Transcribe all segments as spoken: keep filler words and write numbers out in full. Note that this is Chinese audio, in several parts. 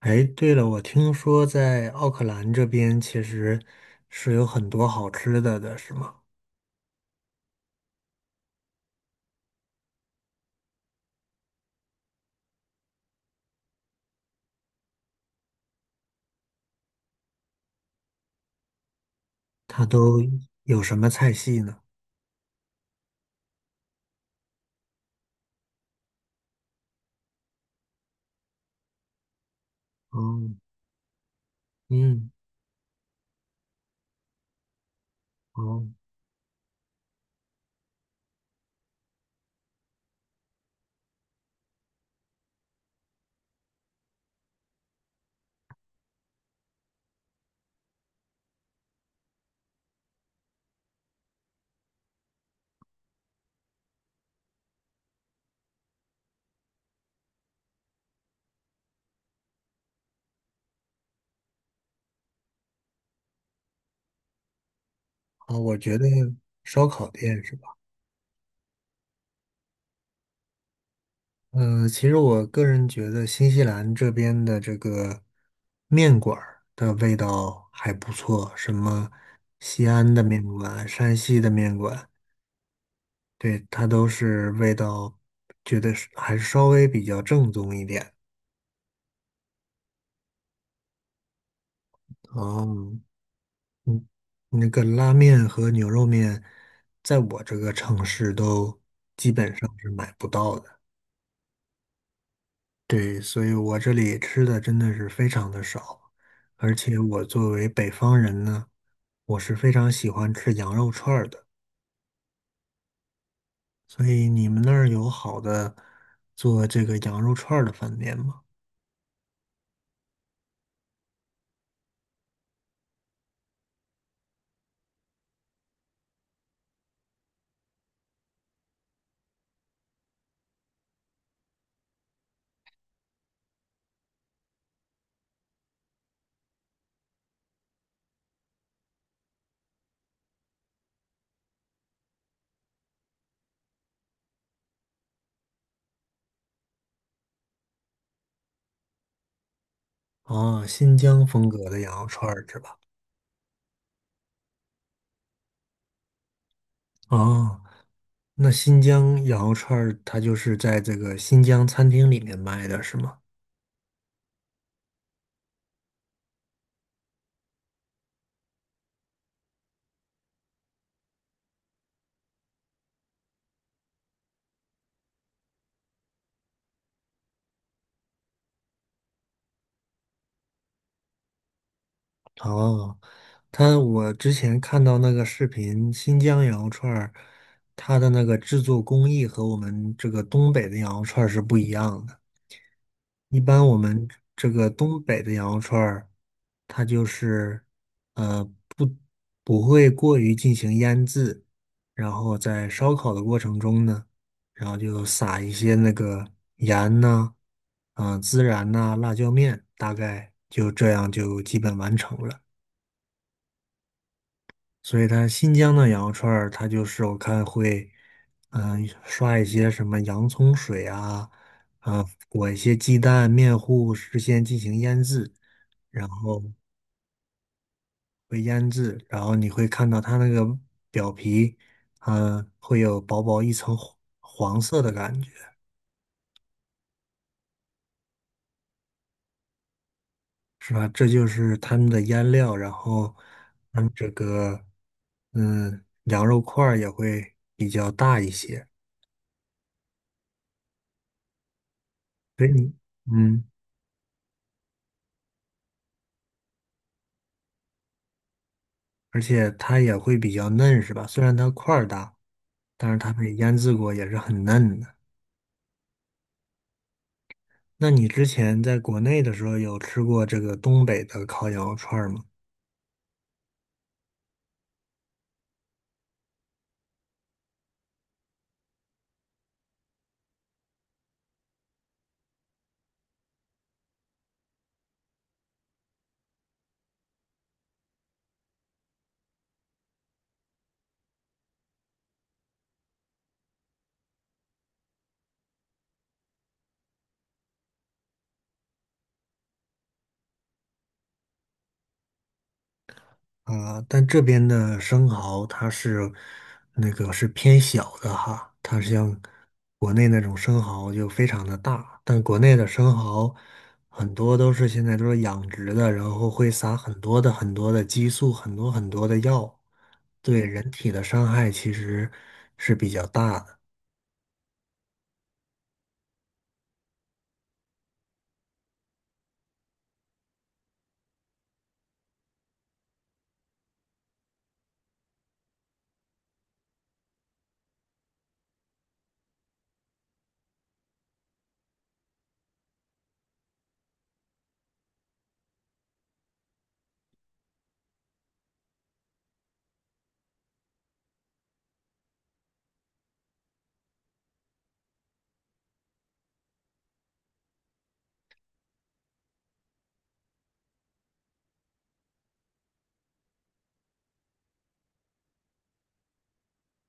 哎，对了，我听说在奥克兰这边其实是有很多好吃的的，是吗？它都有什么菜系呢？嗯嗯。哦。哦。我觉得烧烤店是吧？嗯，其实我个人觉得新西兰这边的这个面馆儿的味道还不错，什么西安的面馆、山西的面馆，对，它都是味道，觉得是还是稍微比较正宗一点。哦。嗯，那个拉面和牛肉面，在我这个城市都基本上是买不到的。对，所以我这里吃的真的是非常的少，而且我作为北方人呢，我是非常喜欢吃羊肉串儿的。所以你们那儿有好的做这个羊肉串儿的饭店吗？哦，新疆风格的羊肉串儿是吧？哦，那新疆羊肉串儿它就是在这个新疆餐厅里面卖的是吗？哦，他我之前看到那个视频，新疆羊肉串儿，它的那个制作工艺和我们这个东北的羊肉串儿是不一样的。一般我们这个东北的羊肉串儿，它就是呃不会过于进行腌制，然后在烧烤的过程中呢，然后就撒一些那个盐呐、啊、孜然呐、辣椒面，大概就这样就基本完成了。所以它新疆的羊肉串儿，它就是我看会，嗯、刷一些什么洋葱水啊，啊、裹一些鸡蛋、面糊，事先进行腌制，然后会腌制，然后你会看到它那个表皮，嗯、会有薄薄一层黄黄色的感觉，是吧？这就是他们的腌料，然后嗯，这个，嗯，羊肉块儿也会比较大一些，所以你，嗯。而且它也会比较嫩，是吧？虽然它块儿大，但是它被腌制过也是很嫩的。那你之前在国内的时候有吃过这个东北的烤羊肉串儿吗？啊，但这边的生蚝它是那个是偏小的哈，它像国内那种生蚝就非常的大，但国内的生蚝很多都是现在都是养殖的，然后会撒很多的很多的激素，很多很多的药，对人体的伤害其实是比较大的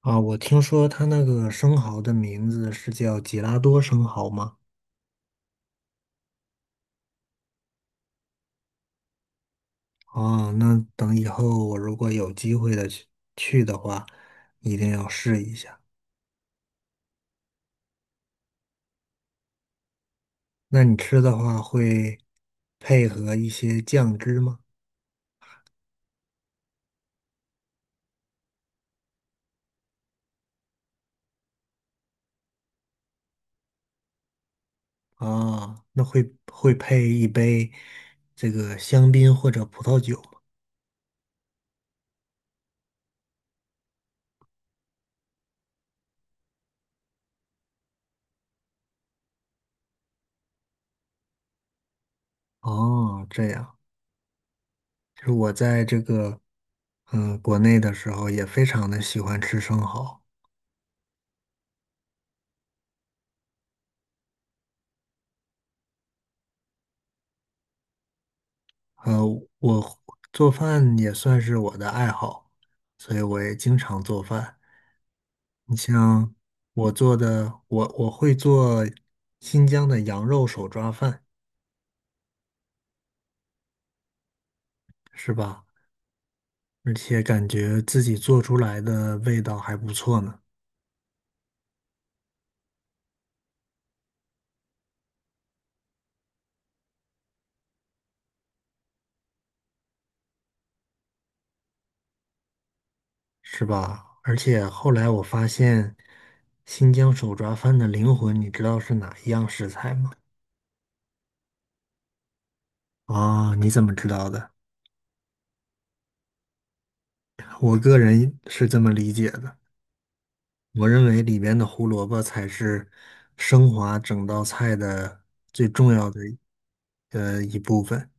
啊。我听说它那个生蚝的名字是叫吉拉多生蚝吗？哦，那等以后我如果有机会的去去的话，一定要试一下。那你吃的话会配合一些酱汁吗？啊，那会会配一杯这个香槟或者葡萄酒吗？哦，这样，就是我在这个嗯国内的时候也非常的喜欢吃生蚝，呃，我做饭也算是我的爱好，所以我也经常做饭。你像我做的，我我会做新疆的羊肉手抓饭，是吧？而且感觉自己做出来的味道还不错呢，是吧？而且后来我发现，新疆手抓饭的灵魂，你知道是哪一样食材吗？啊，你怎么知道的？我个人是这么理解的，我认为里边的胡萝卜才是升华整道菜的最重要的呃一部分。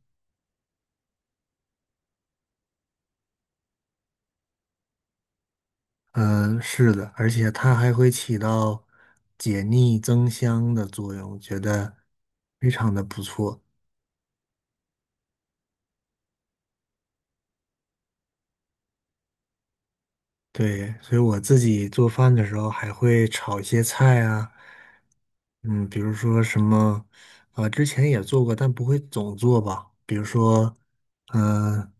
嗯，是的，而且它还会起到解腻增香的作用，觉得非常的不错。对，所以我自己做饭的时候还会炒一些菜啊，嗯，比如说什么，呃，之前也做过，但不会总做吧。比如说，嗯、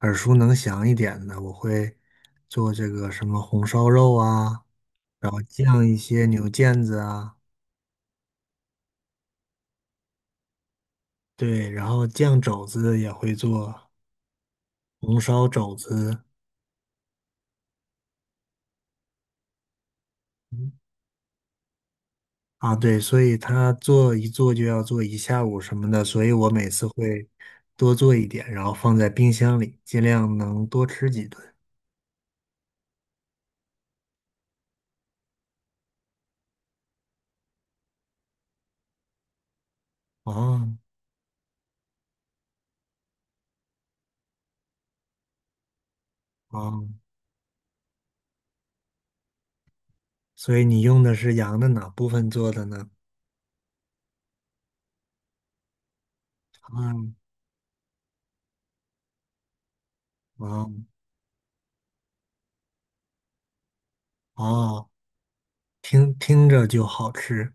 耳熟能详一点的，我会做这个什么红烧肉啊，然后酱一些牛腱子啊，对，然后酱肘子也会做。红烧肘子啊，对，所以他做一做就要做一下午什么的，所以我每次会多做一点，然后放在冰箱里，尽量能多吃几顿。哦哦，所以你用的是羊的哪部分做的呢？嗯啊啊！听听着就好吃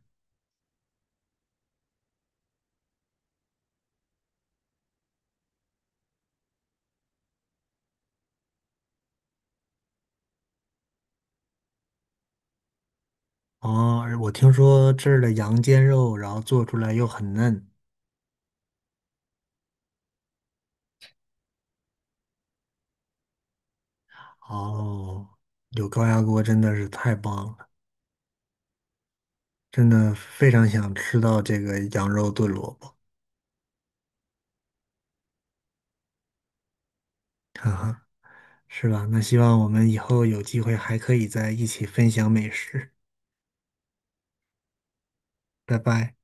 啊！我听说这儿的羊肩肉，然后做出来又很嫩。哦，有高压锅真的是太棒了。真的非常想吃到这个羊肉炖萝卜，哈哈，是吧？那希望我们以后有机会还可以在一起分享美食，拜拜。